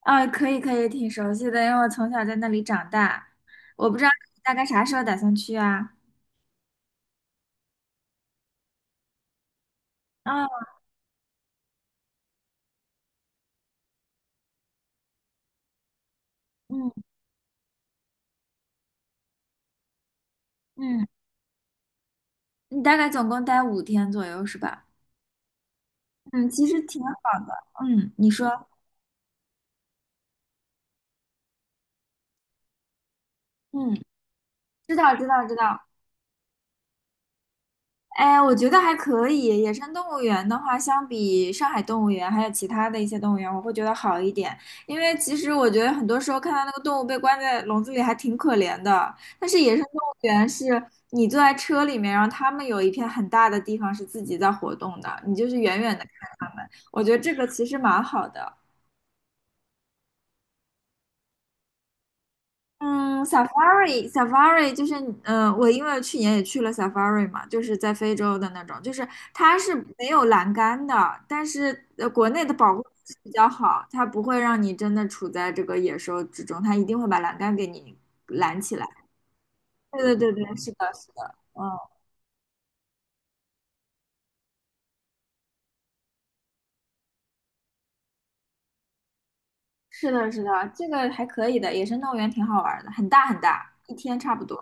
啊，可以可以，挺熟悉的，因为我从小在那里长大。我不知道你大概啥时候打算去啊？哦，嗯嗯，你大概总共待5天左右是吧？嗯，其实挺好的。嗯，你说，嗯，知道知道知道。哎，我觉得还可以。野生动物园的话，相比上海动物园还有其他的一些动物园，我会觉得好一点。因为其实我觉得很多时候看到那个动物被关在笼子里还挺可怜的。但是野生动物园是你坐在车里面，然后他们有一片很大的地方是自己在活动的，你就是远远的看他们。我觉得这个其实蛮好的。嗯，Safari，Safari 就是，嗯，我因为去年也去了 Safari 嘛，就是在非洲的那种，就是它是没有栏杆的，但是国内的保护措施比较好，它不会让你真的处在这个野兽之中，它一定会把栏杆给你拦起来。对对对对，是的，是的，嗯，是的，是的，这个还可以的，野生动物园挺好玩儿的，很大很大，一天差不多。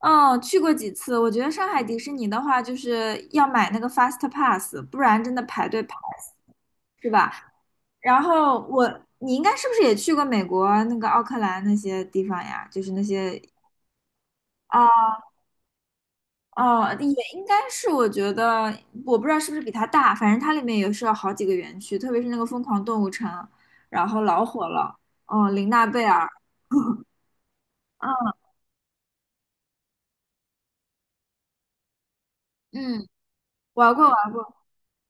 嗯，去过几次，我觉得上海迪士尼的话，就是要买那个 Fast Pass，不然真的排队排。是吧？然后我，你应该是不是也去过美国那个奥克兰那些地方呀？就是那些哦哦，也应该是，我觉得我不知道是不是比它大，反正它里面也是有好几个园区，特别是那个疯狂动物城，然后老火了。哦，琳娜贝尔，嗯，嗯，玩过玩过，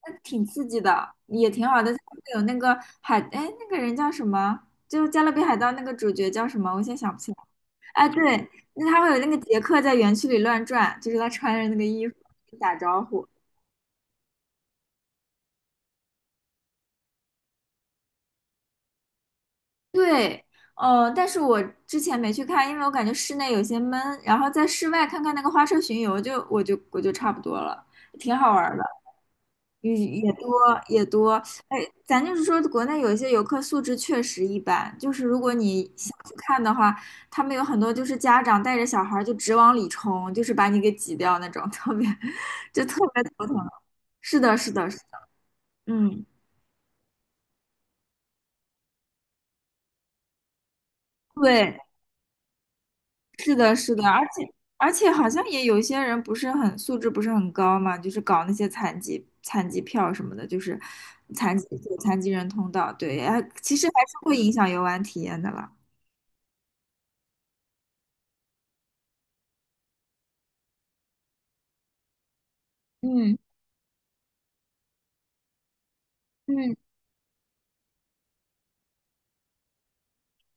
那挺刺激的，也挺好的。它会有那个海，哎，那个人叫什么？就加勒比海盗》那个主角叫什么？我现在想不起来。啊，对，那他会有那个杰克在园区里乱转，就是他穿着那个衣服打招呼。对，但是我之前没去看，因为我感觉室内有些闷，然后在室外看看那个花车巡游就，我就差不多了，挺好玩儿的。也多也多，哎，咱就是说，国内有一些游客素质确实一般，就是如果你想去看的话，他们有很多就是家长带着小孩儿就直往里冲，就是把你给挤掉那种，特别 就特别头疼。是的，是的，是的，嗯，对，是的，是的，而且好像也有一些人不是很素质不是很高嘛，就是搞那些残疾票什么的，就是残疾残疾人通道，对，哎，其实还是会影响游玩体验的啦。嗯。嗯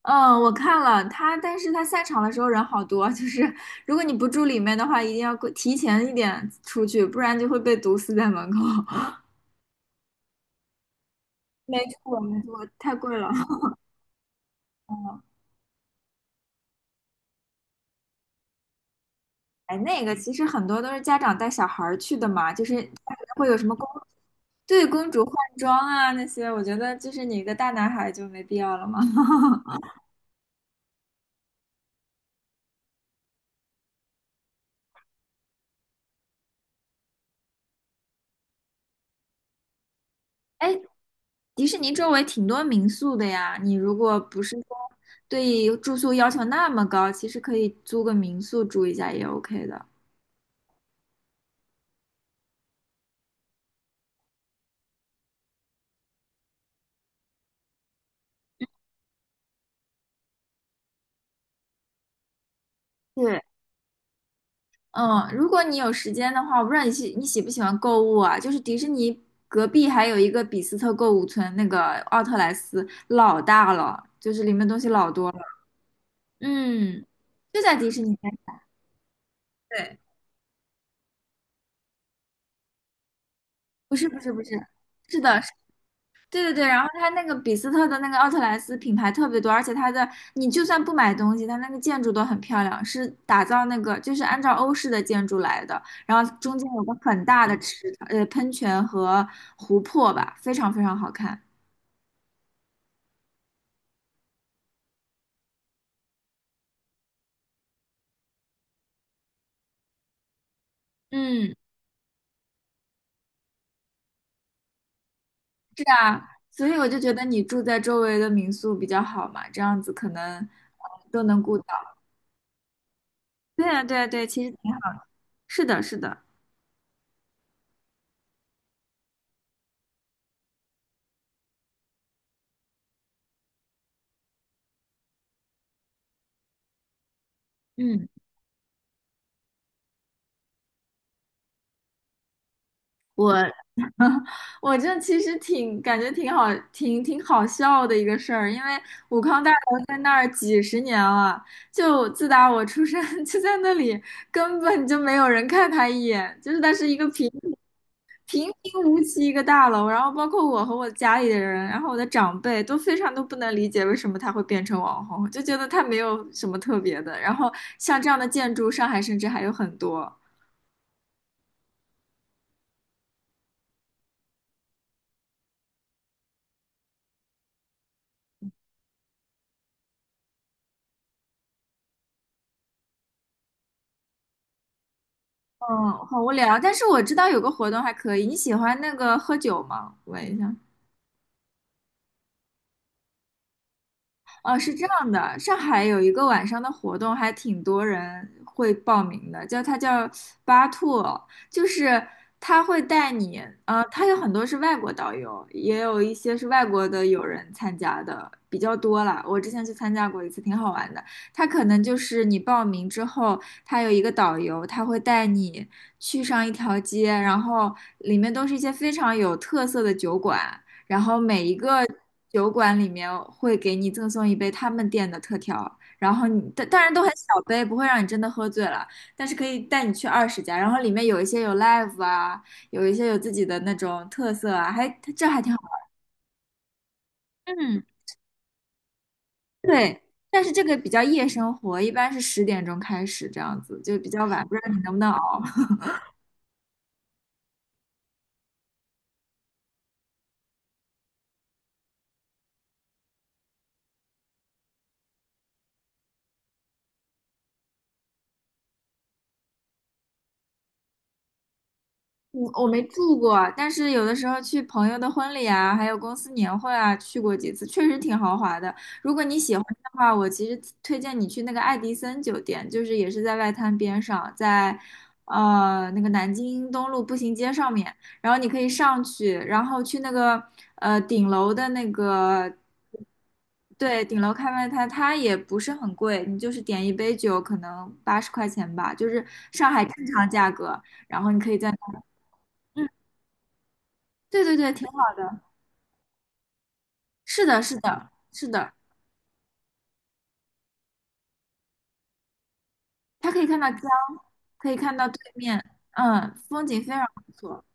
嗯，我看了他，但是他散场的时候人好多，就是如果你不住里面的话，一定要过提前一点出去，不然就会被毒死在门口。没错，没错，太贵了。嗯，哎，那个其实很多都是家长带小孩儿去的嘛，就是它里面会有什么公，对，公主换装啊那些，我觉得就是你一个大男孩就没必要了嘛。哎，迪士尼周围挺多民宿的呀，你如果不是说对住宿要求那么高，其实可以租个民宿住一下也 OK 的。对，嗯，如果你有时间的话，我不知道你喜不喜欢购物啊？就是迪士尼隔壁还有一个比斯特购物村，那个奥特莱斯老大了，就是里面东西老多了。嗯，就在迪士尼边上。对，不是不是不是，是的，对对对，然后它那个比斯特的那个奥特莱斯品牌特别多，而且它的你就算不买东西，它那个建筑都很漂亮，是打造那个就是按照欧式的建筑来的，然后中间有个很大的喷泉和湖泊吧，非常非常好看。嗯，是啊，所以我就觉得你住在周围的民宿比较好嘛，这样子可能都能顾到。对啊，对啊，对，其实挺好。是的，是的，嗯。我。我这其实挺感觉挺好，挺好笑的一个事儿，因为武康大楼在那儿几十年了，就自打我出生 就在那里，根本就没有人看他一眼，就是它是一个平平无奇一个大楼，然后包括我和我家里的人，然后我的长辈都非常都不能理解为什么它会变成网红，就觉得它没有什么特别的，然后像这样的建筑，上海甚至还有很多。嗯，好无聊，但是我知道有个活动还可以，你喜欢那个喝酒吗？问一下。哦，是这样的，上海有一个晚上的活动，还挺多人会报名的，叫它叫巴兔，就是他会带你，他有很多是外国导游，也有一些是外国的友人参加的，比较多啦。我之前去参加过一次，挺好玩的。他可能就是你报名之后，他有一个导游，他会带你去上一条街，然后里面都是一些非常有特色的酒馆。然后每一个酒馆里面会给你赠送一杯他们店的特调，然后你当然都很小杯，不会让你真的喝醉了，但是可以带你去20家，然后里面有一些有 live 啊，有一些有自己的那种特色啊，还这还挺好玩嗯，对，但是这个比较夜生活，一般是10点钟开始这样子，就比较晚，不知道你能不能熬。嗯，我没住过，但是有的时候去朋友的婚礼啊，还有公司年会啊，去过几次，确实挺豪华的。如果你喜欢的话，我其实推荐你去那个爱迪森酒店，就是也是在外滩边上，在那个南京东路步行街上面，然后你可以上去，然后去那个顶楼的那个。对，顶楼看外滩，它也不是很贵，你就是点一杯酒，可能80块钱吧，就是上海正常价格。然后你可以在那对对对，挺好的。是的，是的，是的，它可以看到江，可以看到对面，嗯，风景非常不错。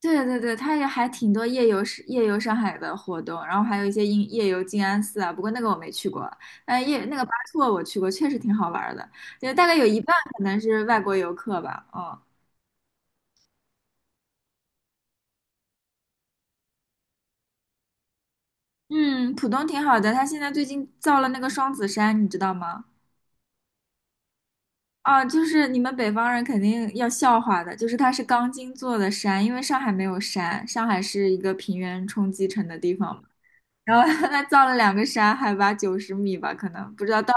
对对对，它也还挺多夜游上海的活动，然后还有一些夜游静安寺啊，不过那个我没去过。但那个巴措我去过，确实挺好玩儿的，就大概有一半可能是外国游客吧。嗯嗯，浦东挺好的，它现在最近造了那个双子山，你知道吗？啊，就是你们北方人肯定要笑话的，就是它是钢筋做的山，因为上海没有山，上海是一个平原冲积成的地方嘛。然后 它造了两个山，海拔90米吧，可能不知道到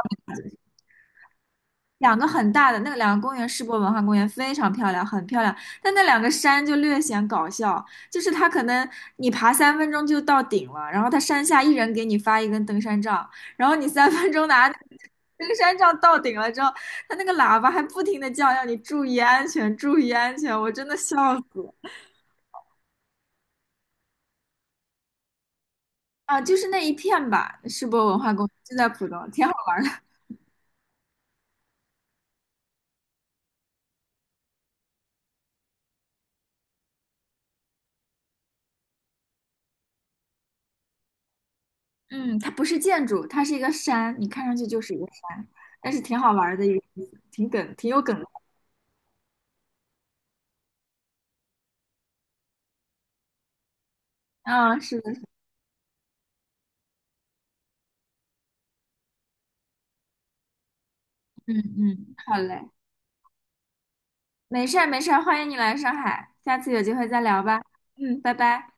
两个很大的那个两个公园，世博文化公园非常漂亮，很漂亮。但那两个山就略显搞笑，就是它可能你爬三分钟就到顶了，然后它山下一人给你发一根登山杖，然后你三分钟拿 登山杖到顶了之后，它那个喇叭还不停的叫，要你注意安全，注意安全，我真的笑死啊！就是那一片吧，世博文化公园就在浦东，挺好玩。嗯，它不是建筑，它是一个山，你看上去就是一个山，但是挺好玩的一个，挺梗，挺有梗。啊，是的，嗯嗯，好嘞，没事儿没事儿，欢迎你来上海，下次有机会再聊吧。嗯，拜拜。